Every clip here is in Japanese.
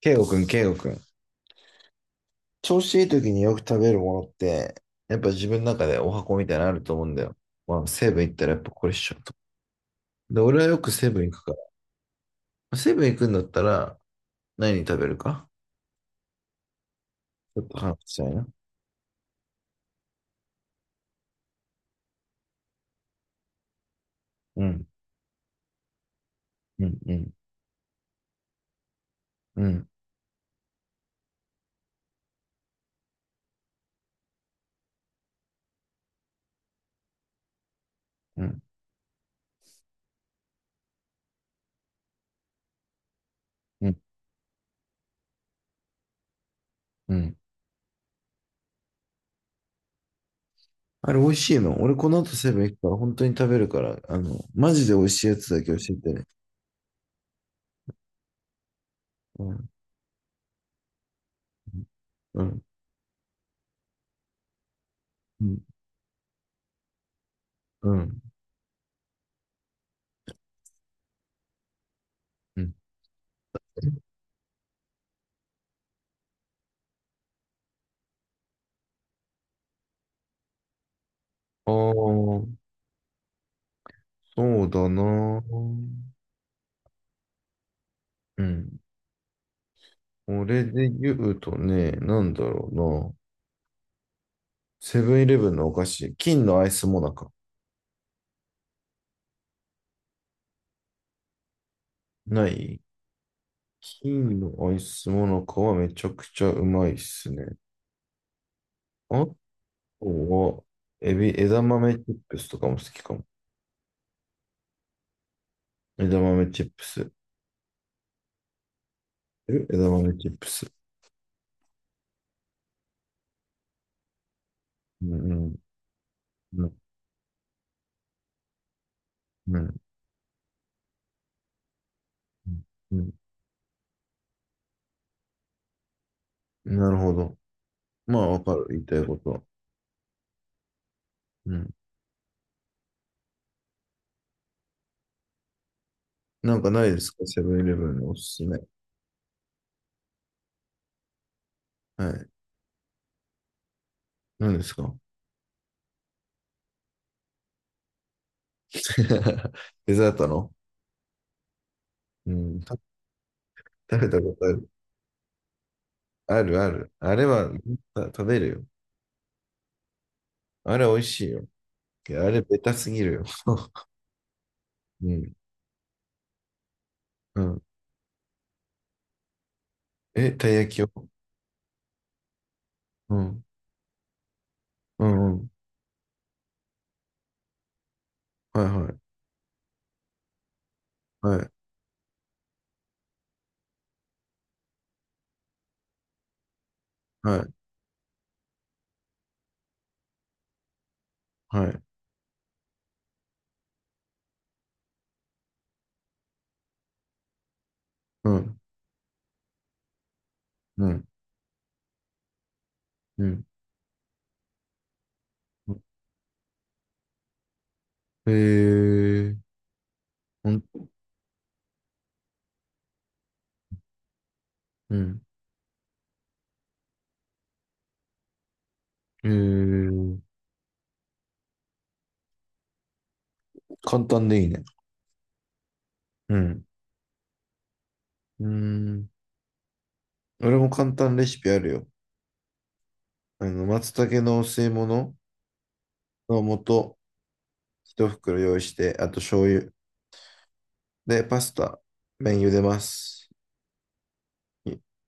ケイゴくん、ケイゴくん。調子いい時によく食べるものって、やっぱ自分の中でお箱みたいなのあると思うんだよ。まあ、セブン行ったらやっぱこれしちゃうと。で、俺はよくセブン行くから。セブン行くんだったら、何食べるかちょっと話したいな。うん、うん、うん、うん、うん、うん、うん。あれ美味しいの？俺この後セブン行くから本当に食べるから、マジで美味しいやつだけ教えてね。うん、うん、うん、うん、うん。ああ、そうだな。うん。俺で言うとね、なんだろうな。セブンイレブンのお菓子、金のアイスモナカ。ない。金のアイスモナカはめちゃくちゃうまいっすね。あとは、エビ、枝豆チップスとかも好きかも。枝豆チップス。枝豆チップス。うん、うん、うん、うん。うん。なるほど。まあ、わかる。言いたいことは。うん。なんかないですか、セブンイレブンのおすすめ。はい。何ですか？ デザートの？うん。食べたことある。あるある。あれは。あ、食べるよ。あれ美味しいよ。あれベタすぎるよ。うん。うん。え、たい焼きを。うん。うんうん。はいはい。はい。はい。はい。うん。うん。うん。へえ。ほんうん。へえ、簡単でいいね。うん。うん。俺も簡単レシピあるよ。松茸のお吸い物の素、一袋用意して、あと醤油。で、パスタ、麺茹でます。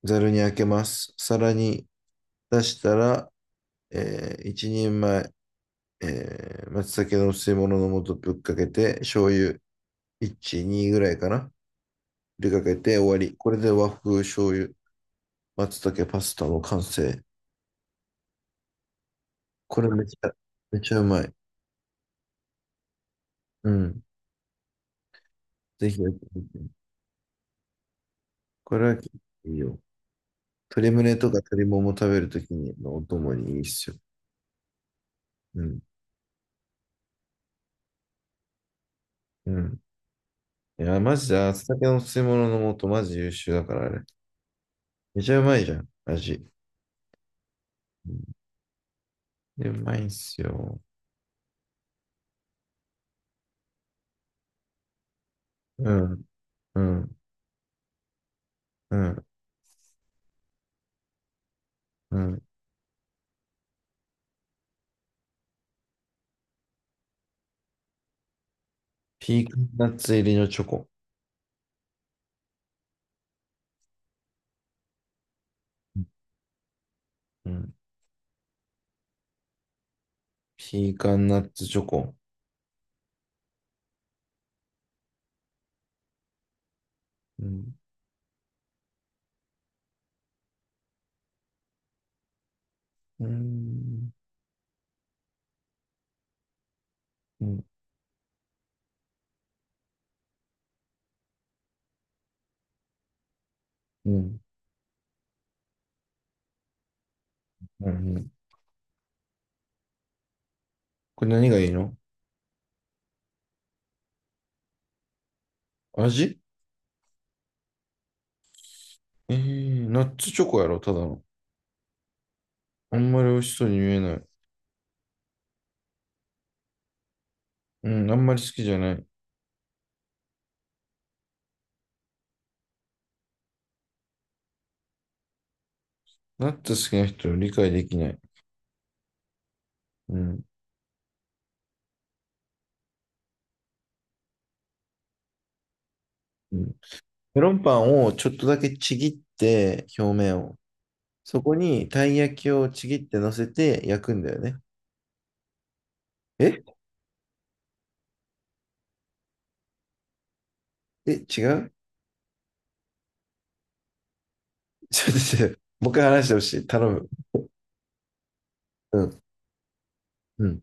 ざるにあけます。皿に出したら、一人前、松茸の吸い物の素ぶっかけて、醤油1、2ぐらいかな。ぶっかけて終わり。これで和風醤油、松茸パスタの完成。これめちゃ、めちゃうまい。うん。ぜひやってみて。これはいいよ。鶏胸とか鶏もも食べるときのお供にいいっすよ。うん。うん。いや、マジで、松茸の吸い物の素、マジ優秀だから、あれ。めちゃうまいじゃん、味。で、うまいんすよ。うん、うん、うん、うん。ピーカンナッツ入りのチョコ。うん。ピーカンナッツチョコ。うん、うん、うん、うん、うん。これ何がいいの？味？ナッツチョコやろ、ただの。あんまり美味しそうに見えない。うん、あんまり好きじゃない。ナッツ好きな人を理解できない。うん、うん。メロンパンをちょっとだけちぎって、表面を。そこにたい焼きをちぎって乗せて焼くんだよね。え。え違う。 ちょっと待って、もう一回話してほしい。頼む。うん、うん、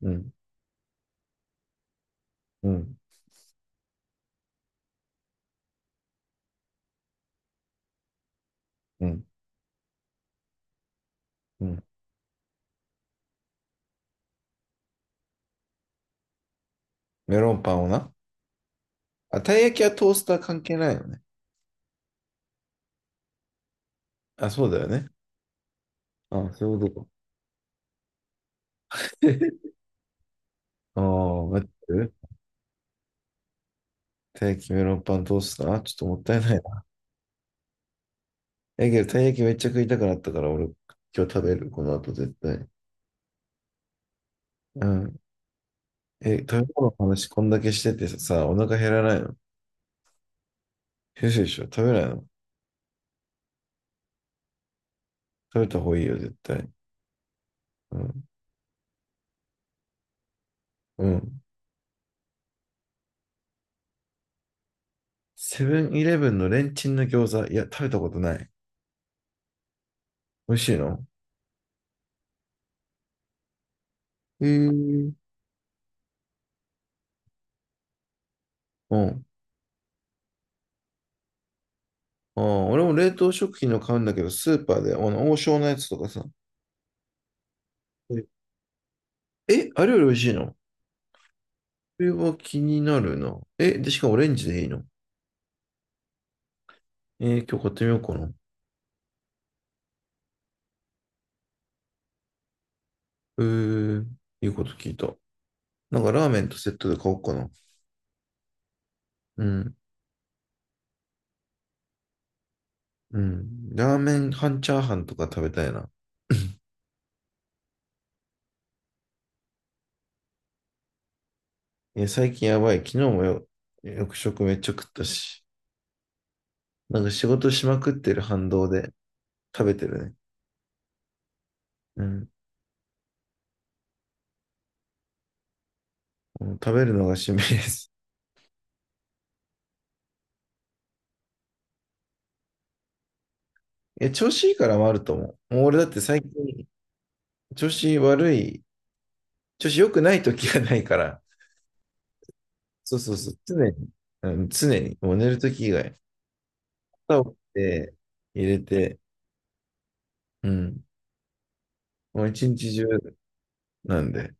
うん、うん、うん、うん。メロンパンをな。あ、たい焼きはトースター関係ないよね。あ、そうだよね。あ、そういうことか。ああ、待ってる。たい焼きメロンパントースターちょっともったいないな。え、けどたい焼きめっちゃ食いたくなったから、俺、今日食べる。この後絶対。うん。え、食べ物の話こんだけしててさ、お腹減らないの？先生でしょ？食べないの？食べた方がいいよ、絶対。うん。うん。セブンイレブンのレンチンの餃子、いや、食べたことない。美味しいの？うーん。うん。ああ、俺も冷凍食品の買うんだけど、スーパーで、王将のやつとかさ。うん。え、あれより美味しいの？これは気になるな。え、で、しかもオレンジでいいの？今日買ってみようかな。えー、いいこと聞いた。なんかラーメンとセットで買おうかな。うん、うん。ラーメン半チャーハンとか食べたいな。最近やばい。昨日もよ、よく食めっちゃ食ったし。なんか仕事しまくってる反動で、食べてるね。うん。もう食べるのが趣味です。え、調子いいからもあると思う。もう俺だって最近、調子悪い、調子良くない時がないから、そうそうそう、常に、うん、常に、もう寝る時以外、肩をって入れて、うん、もう一日中なんで、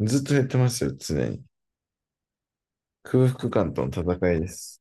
ずっと減ってますよ、常に。空腹感との戦いです。